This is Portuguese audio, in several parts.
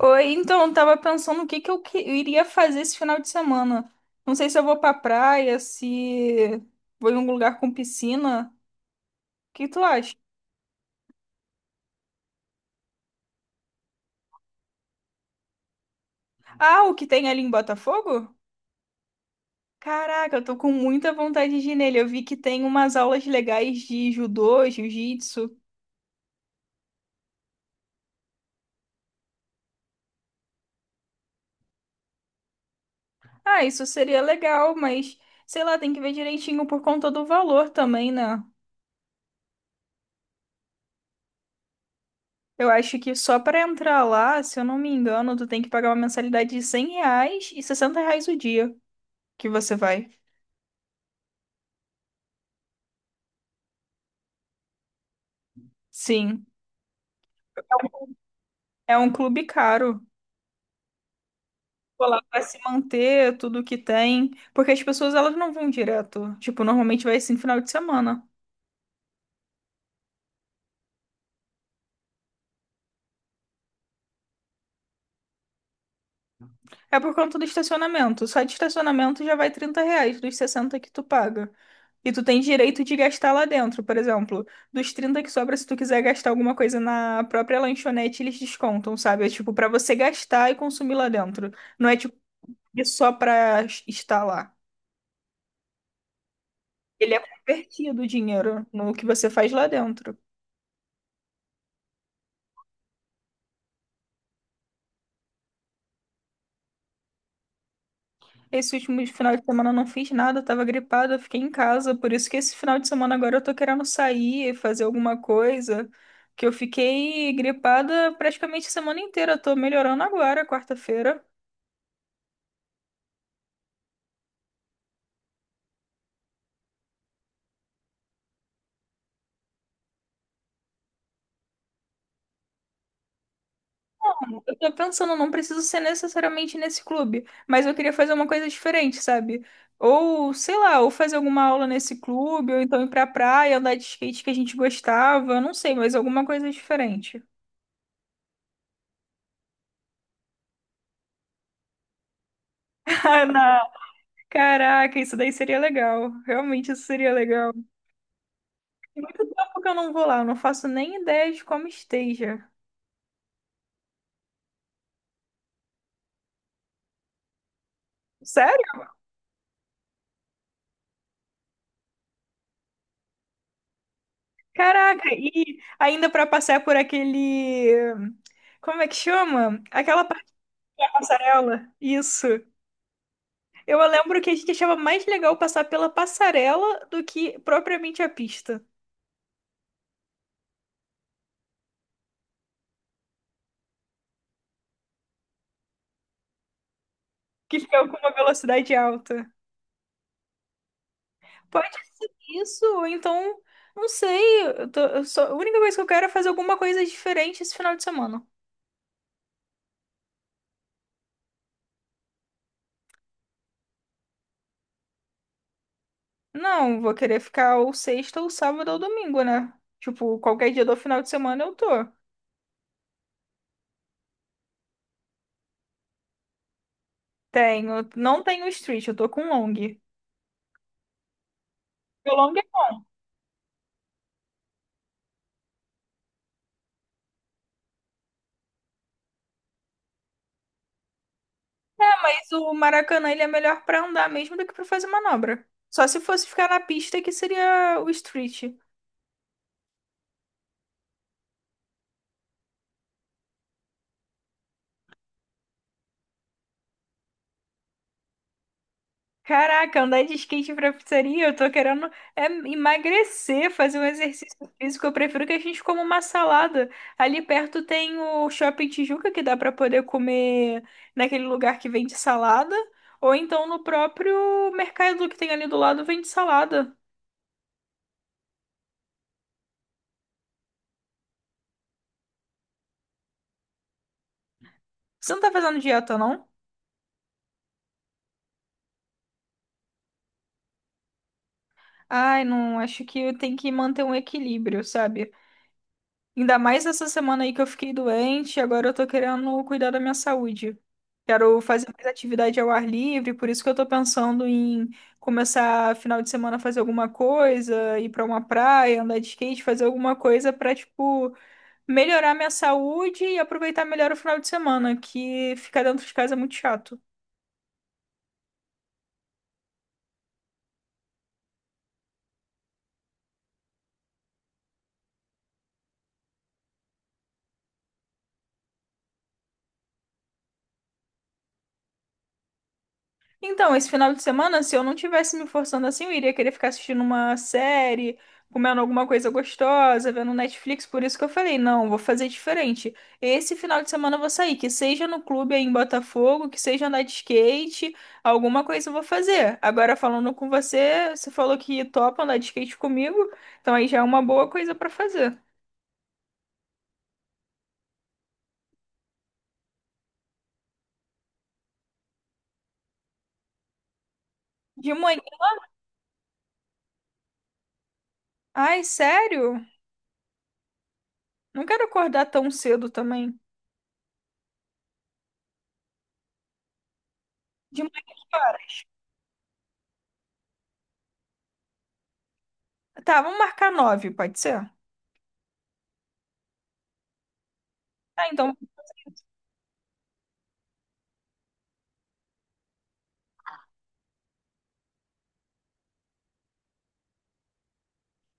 Oi, então, eu tava pensando o que que eu iria fazer esse final de semana. Não sei se eu vou pra praia, se vou em um lugar com piscina. O que tu acha? Ah, o que tem ali em Botafogo? Caraca, eu tô com muita vontade de ir nele. Eu vi que tem umas aulas legais de judô, jiu-jitsu. Ah, isso seria legal, mas sei lá, tem que ver direitinho por conta do valor também, né? Eu acho que só pra entrar lá, se eu não me engano, tu tem que pagar uma mensalidade de 100 reais e 60 reais o dia. Que você vai. Sim, é um clube caro. Pô, lá vai se manter tudo que tem, porque as pessoas elas não vão direto. Tipo, normalmente vai assim final de semana. É por conta do estacionamento. Só de estacionamento já vai 30 reais dos 60 que tu paga. E tu tem direito de gastar lá dentro, por exemplo. Dos 30 que sobra, se tu quiser gastar alguma coisa na própria lanchonete, eles descontam, sabe? É tipo, pra você gastar e consumir lá dentro. Não é tipo, só pra estar lá. Ele é convertido o dinheiro no que você faz lá dentro. Esse último final de semana eu não fiz nada, eu tava gripada, eu fiquei em casa. Por isso que esse final de semana agora eu tô querendo sair, fazer alguma coisa. Que eu fiquei gripada praticamente a semana inteira. Eu tô melhorando agora, quarta-feira. Eu tô pensando, não preciso ser necessariamente nesse clube, mas eu queria fazer uma coisa diferente, sabe? Ou, sei lá, ou fazer alguma aula nesse clube, ou então ir pra praia, andar de skate que a gente gostava, eu não sei, mas alguma coisa diferente. Ah, não. Caraca, isso daí seria legal. Realmente isso seria legal. Tem muito tempo que eu não vou lá, eu não faço nem ideia de como esteja. Sério? Caraca, e ainda pra passar por aquele. Como é que chama? Aquela parte da passarela. Isso. Eu lembro que a gente achava mais legal passar pela passarela do que propriamente a pista, que ficava com uma velocidade alta. Pode ser isso, ou então, não sei. Eu tô- eu só- A única coisa que eu quero é fazer alguma coisa diferente esse final de semana. Não, vou querer ficar ou sexta, ou sábado, ou domingo, né? Tipo, qualquer dia do final de semana eu tô. Tenho, não tenho street, eu tô com long. Meu long é mais o Maracanã, ele é melhor pra andar mesmo do que pra fazer manobra. Só se fosse ficar na pista que seria o street. Caraca, andar de skate pra pizzaria, eu tô querendo é, emagrecer, fazer um exercício físico. Eu prefiro que a gente coma uma salada. Ali perto tem o Shopping Tijuca, que dá pra poder comer naquele lugar que vende salada, ou então no próprio mercado que tem ali do lado vende salada. Você não tá fazendo dieta, não? Ai, não, acho que eu tenho que manter um equilíbrio, sabe? Ainda mais essa semana aí que eu fiquei doente, agora eu tô querendo cuidar da minha saúde. Quero fazer mais atividade ao ar livre, por isso que eu tô pensando em começar final de semana a fazer alguma coisa, ir pra uma praia, andar de skate, fazer alguma coisa pra, tipo, melhorar minha saúde e aproveitar melhor o final de semana, que ficar dentro de casa é muito chato. Então, esse final de semana, se eu não tivesse me forçando assim, eu iria querer ficar assistindo uma série, comendo alguma coisa gostosa, vendo Netflix. Por isso que eu falei, não, vou fazer diferente. Esse final de semana eu vou sair, que seja no clube aí em Botafogo, que seja andar de skate, alguma coisa eu vou fazer. Agora, falando com você, você falou que topa andar de skate comigo, então aí já é uma boa coisa pra fazer. De manhã. Ai, sério? Não quero acordar tão cedo também. De manhã, que hora? Tá, vamos marcar nove, pode ser? Tá, então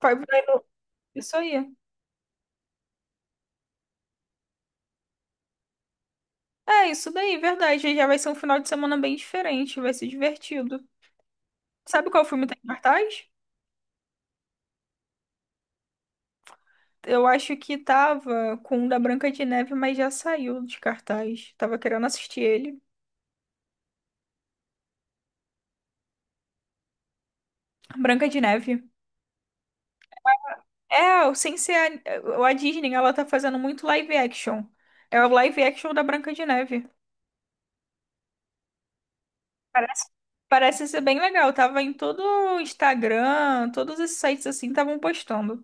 Vai, isso aí. É, isso daí, verdade. Já vai ser um final de semana bem diferente, vai ser divertido. Sabe qual filme tá em cartaz? Eu acho que tava com o da Branca de Neve, mas já saiu de cartaz. Tava querendo assistir ele. Branca de Neve. É, sem ser a Disney, ela tá fazendo muito live action. É o live action da Branca de Neve. Parece, parece ser bem legal. Tava em todo o Instagram, todos esses sites assim estavam postando.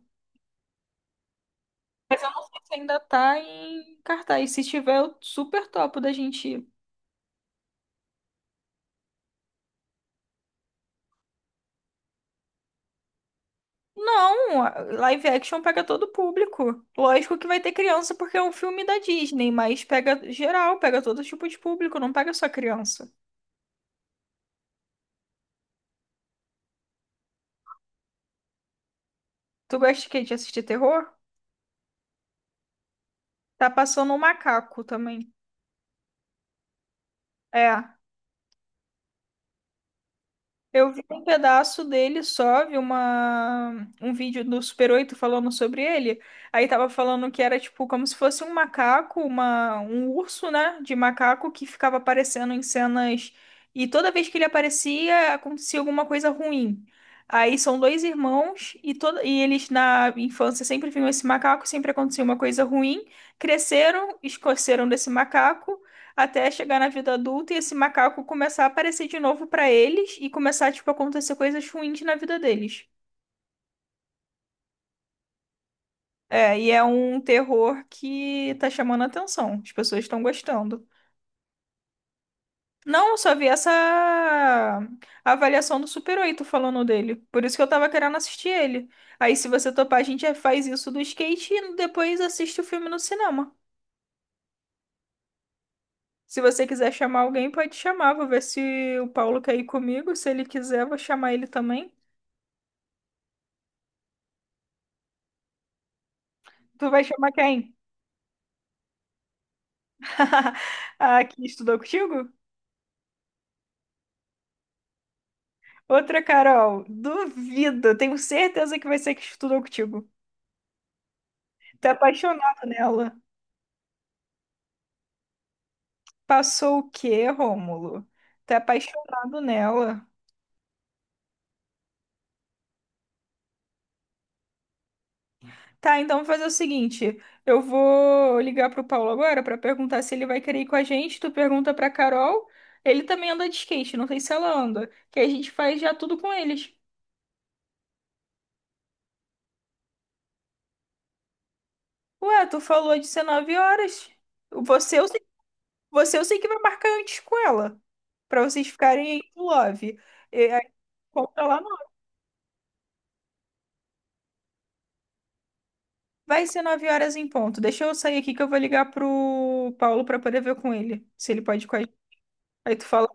Mas eu não sei se ainda tá em cartaz. Se tiver, eu super topo da gente ir. Não, live action pega todo o público. Lógico que vai ter criança porque é um filme da Disney, mas pega geral, pega todo tipo de público, não pega só criança. Tu gosta de quê? De assistir terror? Tá passando um macaco também. É. Eu vi um pedaço dele só, vi um vídeo do Super 8 falando sobre ele. Aí tava falando que era tipo como se fosse um macaco, um urso, né? De macaco que ficava aparecendo em cenas. E toda vez que ele aparecia, acontecia alguma coisa ruim. Aí são dois irmãos e eles na infância sempre viam esse macaco, sempre acontecia uma coisa ruim. Cresceram, esqueceram desse macaco até chegar na vida adulta e esse macaco começar a aparecer de novo pra eles e começar, tipo, a acontecer coisas ruins na vida deles. É, e é um terror que tá chamando a atenção. As pessoas estão gostando. Não, eu só vi essa avaliação do Super Oito falando dele. Por isso que eu tava querendo assistir ele. Aí, se você topar, a gente já faz isso do skate e depois assiste o filme no cinema. Se você quiser chamar alguém, pode chamar. Vou ver se o Paulo quer ir comigo. Se ele quiser, vou chamar ele também. Tu vai chamar quem? Ah, que estudou contigo? Outra Carol, duvido. Tenho certeza que vai ser que estudou contigo. Tá apaixonado nela. Passou o quê, Rômulo? Tá apaixonado nela. Tá, então vou fazer o seguinte. Eu vou ligar pro Paulo agora pra perguntar se ele vai querer ir com a gente. Tu pergunta pra Carol. Ele também anda de skate, não sei se ela anda. Que a gente faz já tudo com eles. Ué, tu falou de 19 horas. Você, é o Você eu sei que vai marcar antes com ela. Pra vocês ficarem aí no love. E aí compra lá no... Vai ser 9 horas em ponto. Deixa eu sair aqui que eu vou ligar pro Paulo pra poder ver com ele. Se ele pode ir com a gente. Aí tu fala,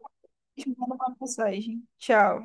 te manda uma mensagem. Tchau.